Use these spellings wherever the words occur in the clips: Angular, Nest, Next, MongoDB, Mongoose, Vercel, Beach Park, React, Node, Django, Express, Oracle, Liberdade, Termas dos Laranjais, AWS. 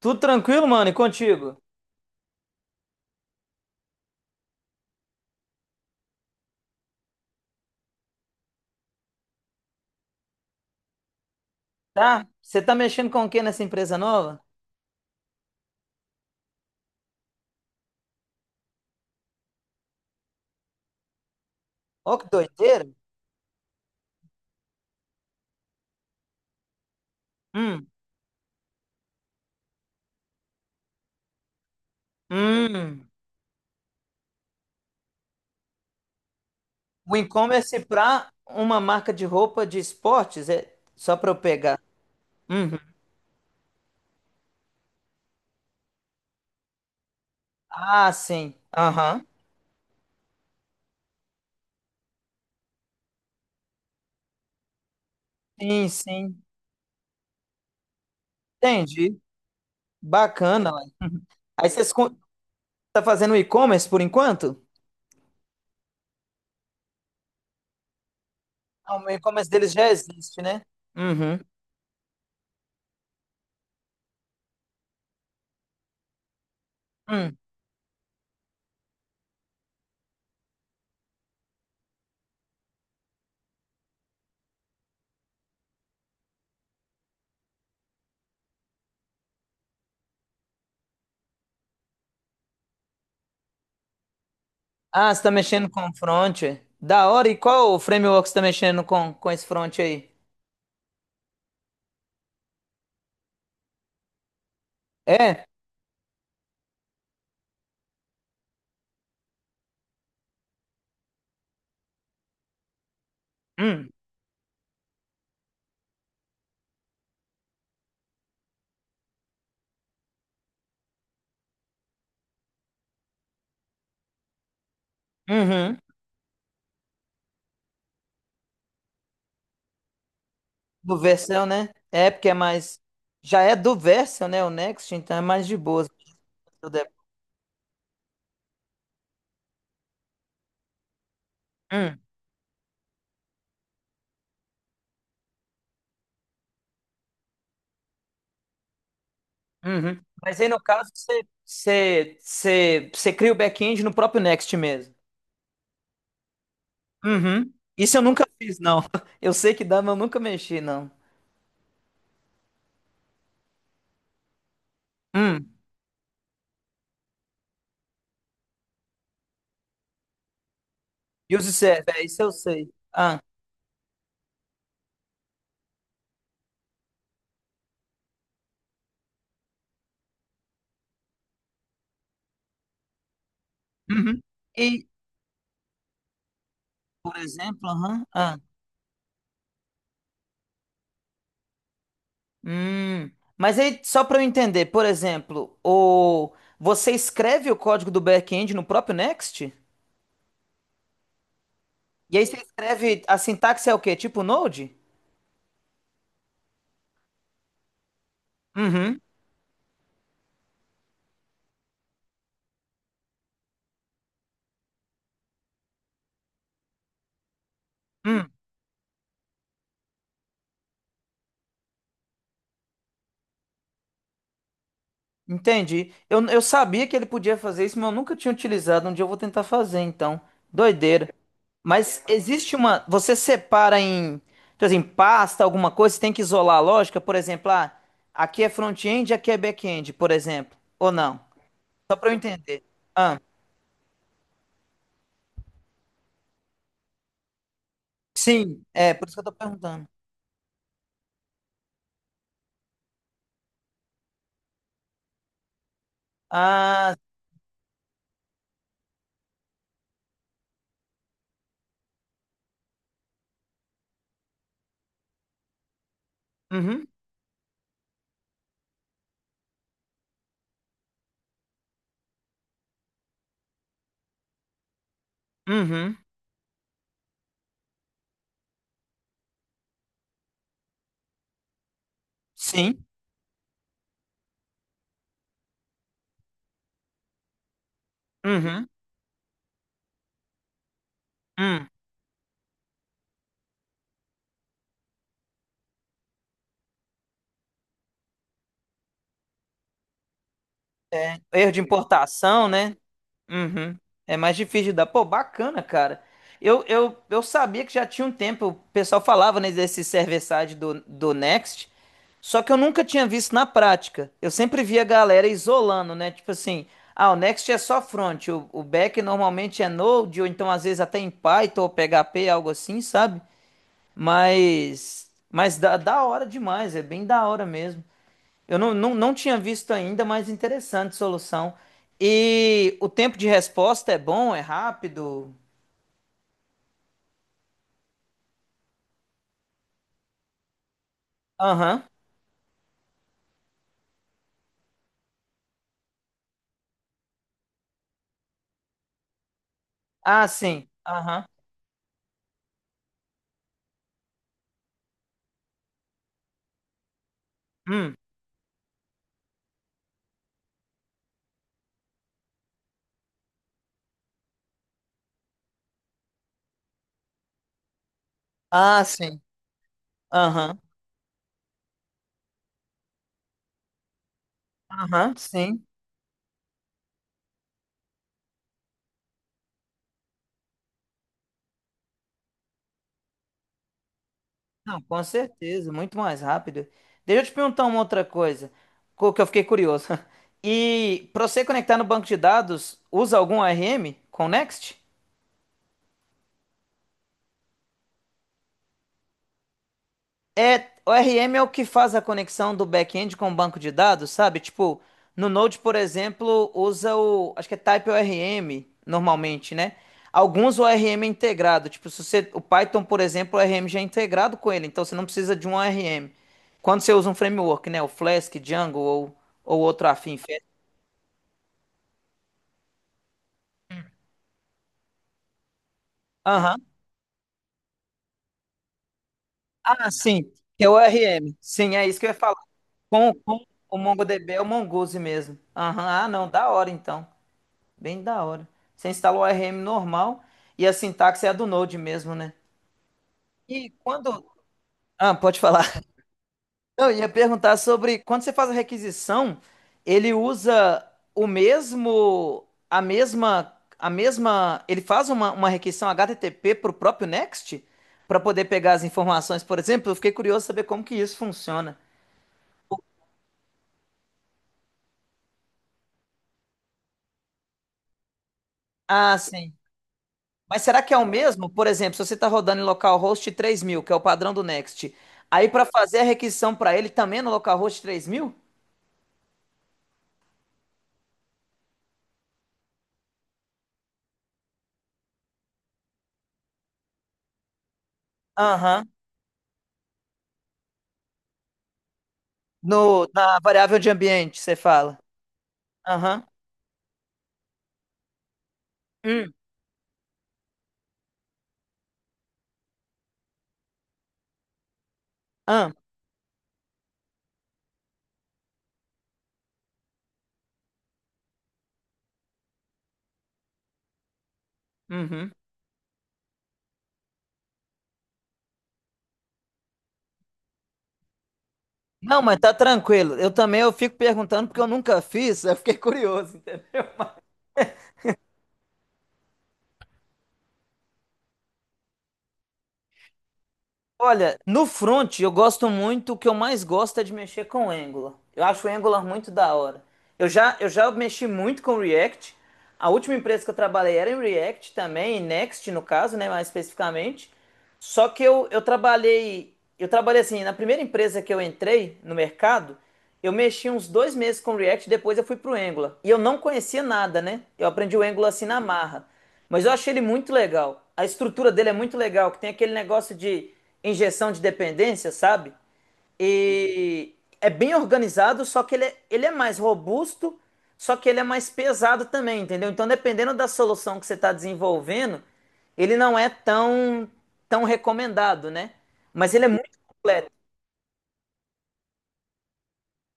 Tudo tranquilo, mano, e contigo? Tá? Você tá mexendo com o que nessa empresa nova? Ó, que doideira! Hum, hum. O e-commerce pra uma marca de roupa de esportes? É só pra eu pegar. Uhum. Ah, sim. Aham. Sim, sim. Entendi. Bacana, ué. Uhum. Aí vocês tá fazendo e-commerce por enquanto? Ah, o e-commerce deles já existe, né? Uhum. Hum. Ah, você tá mexendo com front, é? Da hora. E qual framework você tá mexendo com esse front aí? É? Hum, uhum. Do Vercel, né? É, porque é mais. Já é do Vercel, né? O Next, então é mais de boas. Hum, uhum. Mas aí, no caso, você cria o back-end no próprio Next mesmo. Uhum. Isso eu nunca fiz, não. Eu sei que dá, mas eu nunca mexi, não. Hum. E os serve, é, isso eu sei. Ah. Uhum. E, por exemplo, aham, ah. Hum, mas aí, só para eu entender, por exemplo, você escreve o código do back-end no próprio Next? E aí você escreve, a sintaxe é o quê? Tipo Node? Uhum, hum, entendi. Eu sabia que ele podia fazer isso, mas eu nunca tinha utilizado. Um dia eu vou tentar fazer, então. Doideira. Mas existe uma. Você separa em, tipo assim, pasta, alguma coisa, você tem que isolar a lógica, por exemplo, ah, aqui é front-end, aqui é back-end, por exemplo. Ou não? Só para eu entender. Sim, é por isso que eu tô perguntando. Ah, uhum, uhum, sim, uhum, hum. Erro de importação, né? Uhum. É mais difícil de dar. Pô, bacana, cara. Eu sabia que já tinha um tempo, o pessoal falava, né, desse server-side do Next, só que eu nunca tinha visto na prática. Eu sempre via a galera isolando, né? Tipo assim, ah, o Next é só front, o back normalmente é Node, ou então às vezes até em Python ou PHP, algo assim, sabe? Mas da hora demais, é bem da hora mesmo. Eu não tinha visto ainda, mas interessante solução. E o tempo de resposta é bom, é rápido? Aham. Ah, sim. Aham. Hum. Ah, sim. Aham. Aham, sim. Não, com certeza, muito mais rápido. Deixa eu te perguntar uma outra coisa, que eu fiquei curioso. E para você conectar no banco de dados, usa algum ARM com Next? É, o RM é o que faz a conexão do back-end com o banco de dados, sabe? Tipo, no Node, por exemplo, usa o, acho que é Type ORM normalmente, né? Alguns o ORM é integrado, tipo, se você, o Python, por exemplo, o ORM já é integrado com ele, então você não precisa de um ORM. Quando você usa um framework, né, o Flask, Django ou outro afim. Aham. Ah, sim, que é o ORM. Sim, é isso que eu ia falar. Com o MongoDB é o Mongoose mesmo. Aham, ah, não, da hora então. Bem da hora. Você instala o RM normal e a sintaxe é a do Node mesmo, né? E quando. Ah, pode falar. Eu ia perguntar sobre quando você faz a requisição, ele usa o mesmo, a mesma, ele faz uma requisição HTTP para o próprio Next para poder pegar as informações, por exemplo. Eu fiquei curioso saber como que isso funciona. Ah, sim. Mas será que é o mesmo? Por exemplo, se você está rodando em localhost 3000, que é o padrão do Next, aí para fazer a requisição para ele também é no localhost 3000? Aham. No, na variável de ambiente, você fala. Aham. Hum. Ah, uhum. Não, mas tá tranquilo. Eu também eu fico perguntando porque eu nunca fiz, eu fiquei curioso, entendeu? Olha, no front eu gosto muito, o que eu mais gosto é de mexer com o Angular. Eu acho o Angular muito da hora. Eu já mexi muito com React. A última empresa que eu trabalhei era em React também, em Next no caso, né, mais especificamente. Só que eu trabalhei, eu trabalhei, assim, na primeira empresa que eu entrei no mercado, eu mexi uns 2 meses com React, depois eu fui pro Angular. E eu não conhecia nada, né? Eu aprendi o Angular assim na marra. Mas eu achei ele muito legal. A estrutura dele é muito legal, que tem aquele negócio de injeção de dependência, sabe? E é bem organizado, só que ele é mais robusto, só que ele é mais pesado também, entendeu? Então, dependendo da solução que você está desenvolvendo, ele não é tão, tão recomendado, né? Mas ele é muito completo.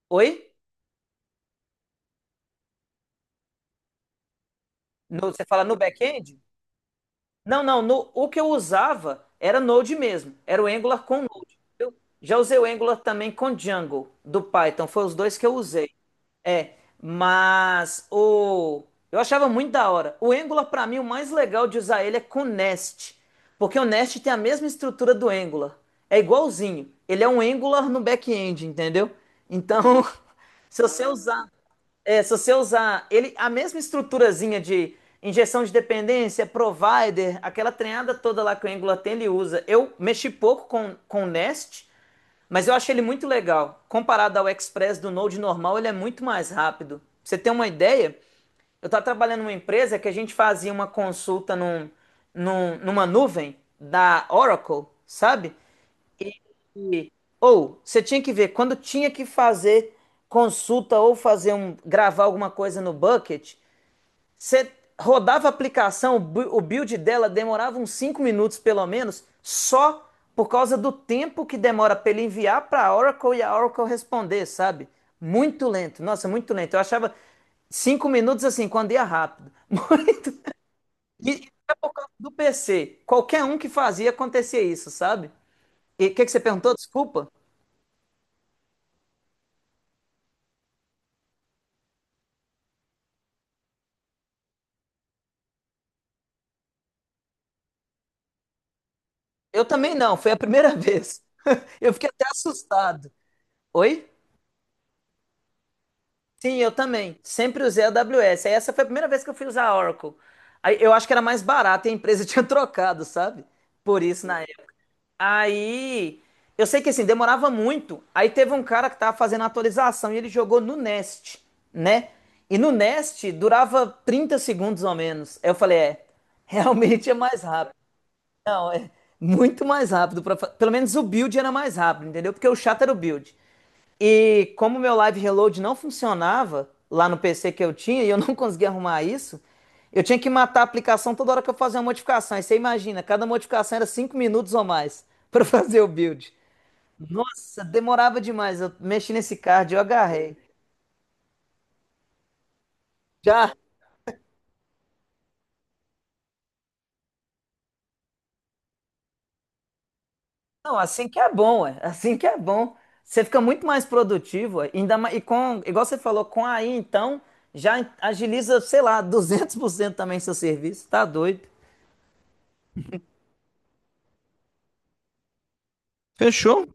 Oi? Você fala no back-end? Não, não. O que eu usava era Node mesmo. Era o Angular com Node. Eu já usei o Angular também com Django do Python. Foi os dois que eu usei. É, mas o eu achava muito da hora. O Angular pra mim o mais legal de usar ele é com Nest, porque o Nest tem a mesma estrutura do Angular. É igualzinho. Ele é um Angular no back-end, entendeu? Então, se você usar se você usar ele, a mesma estruturazinha de injeção de dependência, provider, aquela treinada toda lá que o Angular tem, ele usa. Eu mexi pouco com o Nest, mas eu achei ele muito legal. Comparado ao Express do Node normal, ele é muito mais rápido. Pra você ter uma ideia, eu estava trabalhando numa empresa que a gente fazia uma consulta numa nuvem da Oracle, sabe? E, ou você tinha que ver quando tinha que fazer consulta ou fazer um gravar alguma coisa no bucket, você rodava a aplicação, o build dela demorava uns 5 minutos pelo menos, só por causa do tempo que demora para ele enviar para a Oracle e a Oracle responder, sabe? Muito lento. Nossa, muito lento. Eu achava 5 minutos assim, quando ia rápido. Muito. E do PC, qualquer um que fazia acontecia isso, sabe? E o que que você perguntou? Desculpa. Eu também não, foi a primeira vez. Eu fiquei até assustado. Oi? Sim, eu também. Sempre usei a AWS. Aí essa foi a primeira vez que eu fui usar a Oracle. Aí eu acho que era mais barato e a empresa tinha trocado, sabe? Por isso na época. Aí eu sei que assim, demorava muito. Aí teve um cara que tava fazendo a atualização e ele jogou no Nest, né? E no Nest durava 30 segundos ou menos. Aí eu falei, é, realmente é mais rápido. Não, é muito mais rápido. Pelo menos o build era mais rápido, entendeu? Porque o chato era o build. E como meu Live Reload não funcionava lá no PC que eu tinha e eu não conseguia arrumar isso, eu tinha que matar a aplicação toda hora que eu fazia uma modificação. Aí você imagina, cada modificação era 5 minutos ou mais para fazer o build. Nossa, demorava demais. Eu mexi nesse card, eu agarrei. Já, não, assim que é bom, é. Assim que é bom. Você fica muito mais produtivo, ué, ainda mais, e com, igual você falou, com a AI, então, já agiliza, sei lá, 200% também seu serviço. Tá doido. Fechou?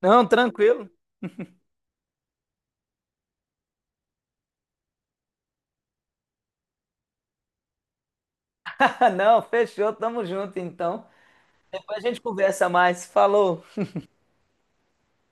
Não, tranquilo. Ah, não, fechou, tamo junto então. Depois a gente conversa mais. Falou.